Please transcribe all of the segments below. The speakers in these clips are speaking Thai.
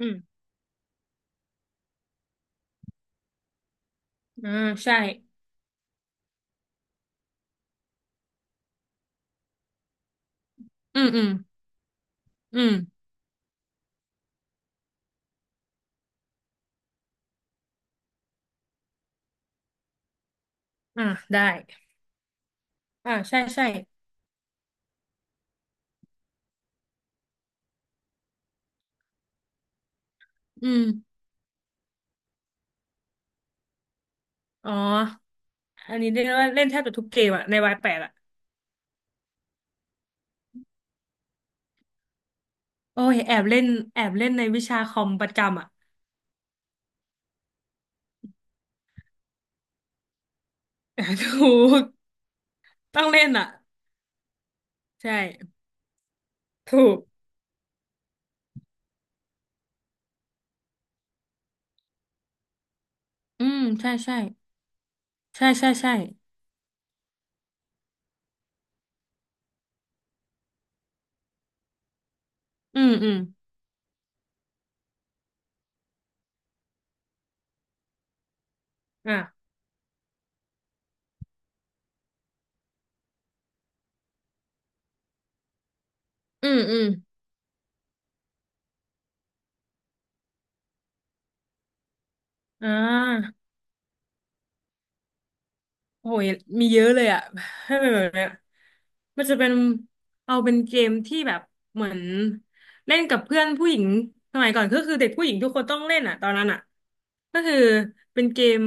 อืมอ่าใช่อืมอืมอืมอ่าได้อ่าใช่ใช่อืมอ๋ออันนี้เรียกว่าเล่นแทบจะทุกเกมอะในวายแปดอะโอ้ยแอบเล่นแอบเล่นในวิชาคอมประจำอะ ถูกต้องเล่นอะใช่ถูกอืมใช่ใช่ใช่ใช่ใช่อืมอืมอ่ะอืมอืมอ่า โอ้ยมีเยอะเลยอ่ะ ให้เป็นแบบเนี้ยมันจะเป็นเอาเป็นเกมที่แบบเหมือนเล่นกับเพื่อนผู้หญิงสมัยก่อนก็คือเด็กผู้หญิงทุกคนต้องเล่นอ่ะตอนนั้นอ่ะก็คือเป็นเกม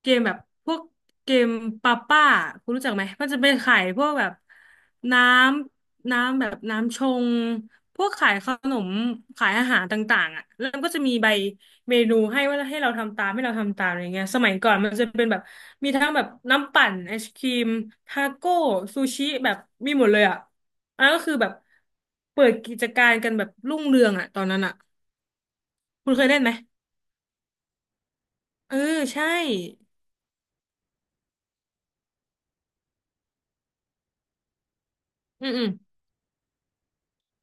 แบบพวกเกมปาป้าคุณรู้จักไหมมันจะเป็นขายพวกแบบน้ำแบบน้ำชงพวกขายขนมขายอาหารต่างๆอ่ะแล้วมันก็จะมีใบ เมนูให้ว่าให้เราทำตามอะไรเงี้ยสมัยก่อนมันจะเป็นแบบมีทั้งแบบน้ำปั่นไอศครีมทาโก้ซูชิแบบมีหมดเลยอ่ะอันนั้นก็คือแบบเปิดกิจการกันแบบรุ่งเรืองอ่ะตอนนั้นอ่ะคุณเคยเล่นไหมเออใช่อืมอืม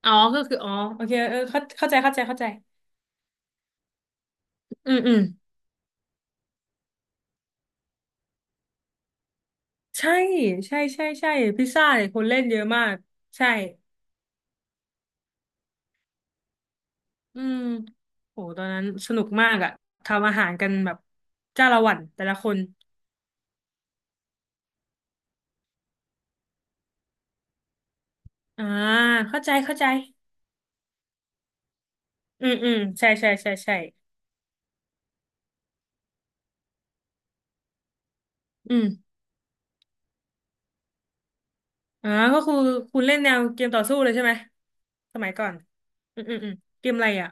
อ๋อก็คืออ๋อโอเคเออเข้าใจเข้าใจเข้าใจอืมอืมใช่ใช่ใช่ใช่พิซซ่าเนี่ยคนเล่นเยอะมากใช่อืมโหตอนนั้นสนุกมากอะทำอาหารกันแบบจ้าละหวันแต่ละคน อ่าเข้าใจเข้าใจอืมอืมใช่ใช่ใช่ใช่อืมอ่าก็คือคุณเล่นแนวเกมต่อสู้เลยใช่ไหมสมัยก่อนอืมอืมอืมเกมอะไรอ่ะ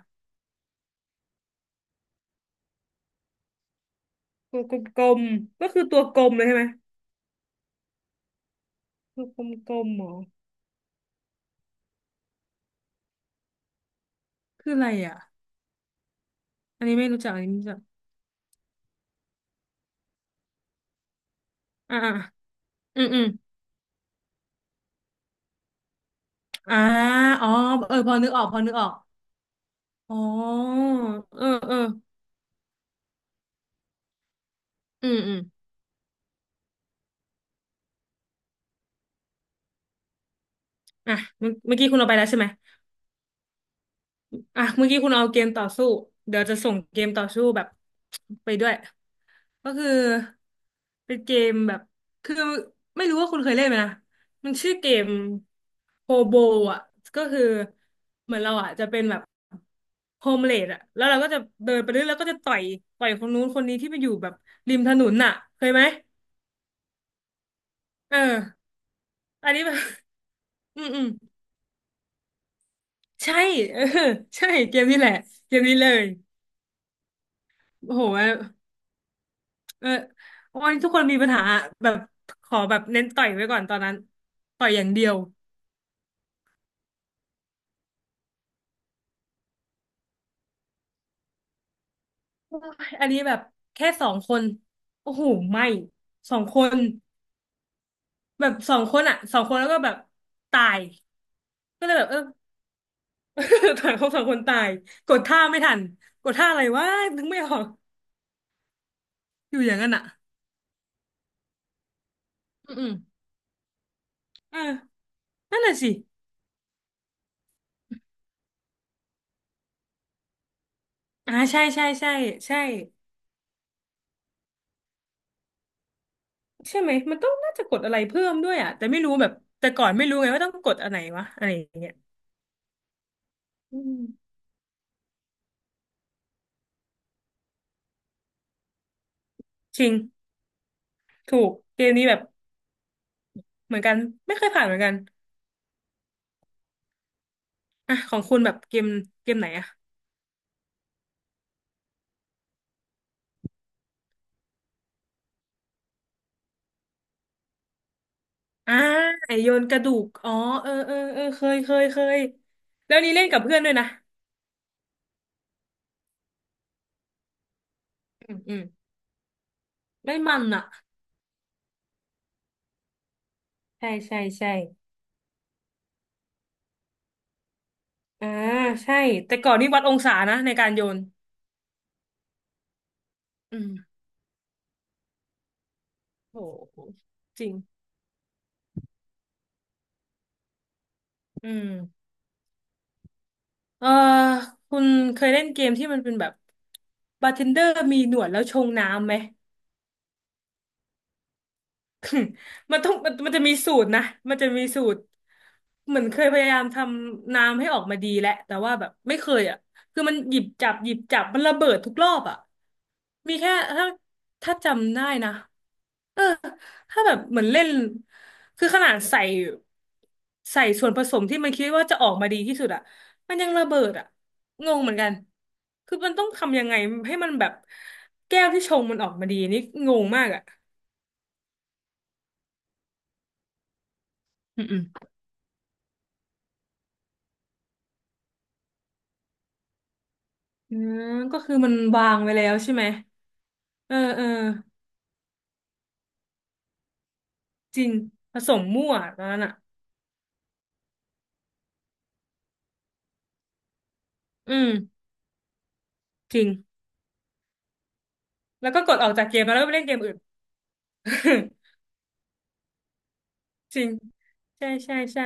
ตัวกลมๆก็คือตัวกลมเลยใช่ไหมตัวกลมๆเหรอคืออะไรอ่ะอันนี้ไม่รู้จักอันนี้ไม่รู้จักอ่าอ่าอืมอืมอ่าอ๋อเออพอนึกออกพอนึกออกอ๋อเออเอออืมอืมอ่ะเมื่อกี้คุณเอาไปแล้วใช่ไหมอ่ะเมื่อกี้คุณเอาเกมต่อสู้เดี๋ยวจะส่งเกมต่อสู้แบบไปด้วย ก็คือเป็นเกมแบบคือไม่รู้ว่าคุณเคยเล่นไหมนะมันชื่อเกมโฮโบอ่ะก็คือเหมือนเราอ่ะจะเป็นแบบโฮมเลดอ่ะแล้วเราก็จะเดินไปเรื่อยแล้วก็จะต่อยต่อยคนนู้นคนนี้ที่ไปอยู่แบบริมถนนน่ะเคยไหมเอออันนี้แบบ อืมอืมใช่ เออใช่เกมนี้แหละเกมนี้เลยโอ้โหเออวันนี้ทุกคนมีปัญหาแบบขอแบบเน้นต่อยไว้ก่อนตอนนั้นต่อยอย่างเดียว อันนี้แบบแค่สองคนโอ้โหไม่สองคนแบบสองคนอ่ะสองคนแล้วก็แบบตายก็เลยแบบเออ ถ่ายเขาสองคนตายกดท่าไม่ทันกดท่าอะไรวะนึกไม่ออกอยู่อย่างนั้นอ่ะอืมอืมเอ่านั่นน่ะสิอ่าใช่ใช่ใช่ใช่ใช่ไหมมันต้องน่าจะกดอะไรเพิ่มด้วยอ่ะแต่ไม่รู้แบบแต่ก่อนไม่รู้ไงว่าต้องกดอันไหนวะอะไรอย่างเงี้ยอืมจริงถูกเกมนี้แบบเหมือนกันไม่เคยผ่านเหมือนกัน อ่ะของคุณแบบเกมเกมไหนอะอ่าไอโยนกระดูกอ๋อเออเออเออเคยแล้วนี้เล่นกับเพื่อนด้วยนะอืมอืมได้มันอะใช่ใช่ใช่อ่าใช่แต่ก่อนนี่วัดองศานะในการโยนอืมโหจริงอืมเออคุณเคยเล่นเกมที่มันเป็นแบบบาร์เทนเดอร์มีหนวดแล้วชงน้ำไหม มันต้องมันมันจะมีสูตรนะมันจะมีสูตรเหมือนเคยพยายามทำน้ำให้ออกมาดีแหละแต่ว่าแบบไม่เคยอ่ะคือมันหยิบจับมันระเบิดทุกรอบอ่ะมีแค่ถ้าถ้าจำได้นะเออถ้าแบบเหมือนเล่นคือขนาดใส่ใส่ส่วนผสมที่มันคิดว่าจะออกมาดีที่สุดอ่ะมันยังระเบิดอ่ะงงเหมือนกันคือมันต้องทำยังไงให้มันแบบแก้วที่ชงมันออกมาดีนี่งงมากอ่ะอืม อืมก็คือมันวางไว้แล้วใช่ไหมเออเออจริงผสมมั่วตอนนั้นอ่ะอืมจริงแล้วก็กดออกจากเกมแล้วก็ไปเล่นเกมอื่น จริงใช่ใช่ใช่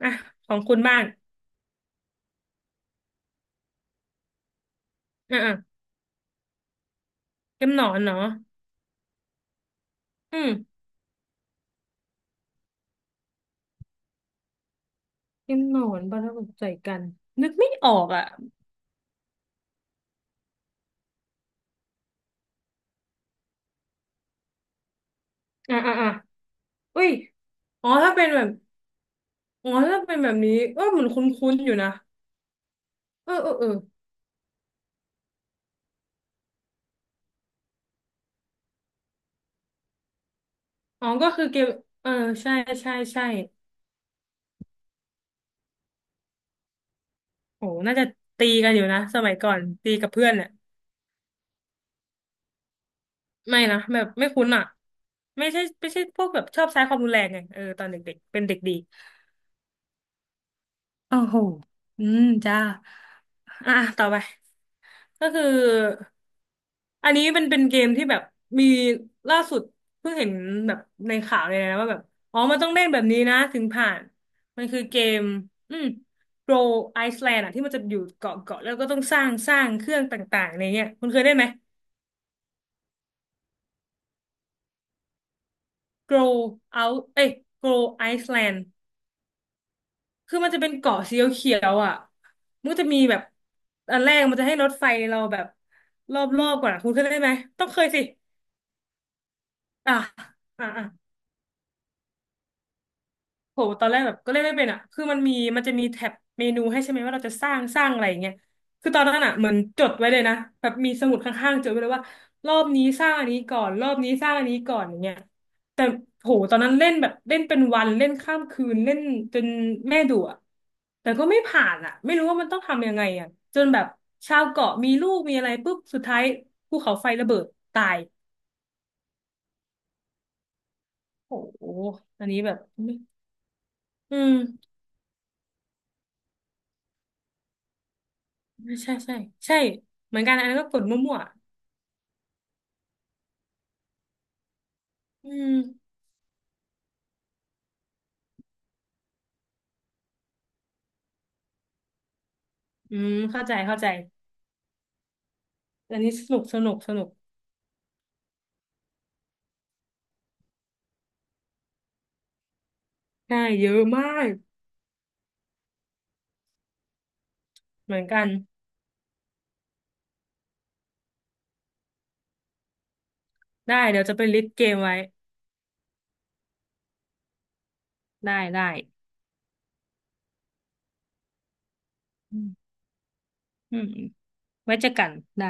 อ่ะของคุณบ้างอ่ะอ่ะเกมหนอนเนาะอืมเกมหนอนประกบใจกันนึกไม่ออกอ่ะอ่ะอ่ะอ่ะอุ้ยอ๋อถ้าเป็นแบบอ๋อถ้าเป็นแบบนี้เออเหมือนคุ้นๆอยู่นะเออเออเอออ๋อก็คือเกมเออใช่ใช่ใช่ โหน่าจะตีกันอยู่นะสมัยก่อนตีกับเพื่อนเนี่ยไม่นะแบบไม่คุ้นอ่ะไม่ใช่ไม่ใช่พวกแบบชอบใช้ความรุนแรงไงเออตอนเด็กๆเป็นเด็กดีโอ้โหอืมจ้าอ่ะต่อไปก็คืออันนี้เป็นเป็นเกมที่แบบมีล่าสุดเพิ่งเห็นแบบในข่าวเลยนะว่าแบบอ๋อมันต้องเล่นแบบนี้นะถึงผ่านมันคือเกมอืมโปรไอซ์แลนด์อ่ะที่มันจะอยู่เกาะเกาะแล้วก็ต้องสร้างสร้างเครื่องต่างๆในเนี้ยคุณเคยเล่นไหม grow out เอ้ย grow Iceland คือมันจะเป็นเกาะสีเขียวๆอ่ะมันจะมีแบบอันแรกมันจะให้รถไฟเราแบบรอบๆก่อนอะคุณเคยได้ไหมต้องเคยสิ อ่ะ อ่ะอ่ะ โหตอนแรกแบบก็เล่นไม่เป็นอ่ะคือมันมีมันจะมีแท็บเมนูให้ใช่ไหมว่าเราจะสร้างสร้างอะไรอย่างเงี้ยคือตอนนั้นอ่ะเหมือนจดไว้เลยนะแบบมีสมุดข้างๆจดไว้เลยว่ารอบนี้สร้างอันนี้ก่อนรอบนี้สร้างอันนี้ก่อนอย่างเงี้ยแต่โหตอนนั้นเล่นแบบเล่นเป็นวันเล่นข้ามคืนเล่นจนแม่ดุอ่ะแต่ก็ไม่ผ่านอ่ะไม่รู้ว่ามันต้องทำยังไงอ่ะจนแบบชาวเกาะมีลูกมีอะไรปุ๊บสุดท้ายภูเขาไฟระเบิดตายโหอันนี้แบบอืม ใช่ใช่ใช่เหมือนกันอันนั้นก็กดมั่วๆอืมอืมเข้าใจเข้าใจอันนี้สนุกสนุกสนุกใช่เยอะมากเหมือนกันได้เดี๋ยวจะไปลิสต์เกมไว้ได้ได้อืมอืมไว้เจอกันได้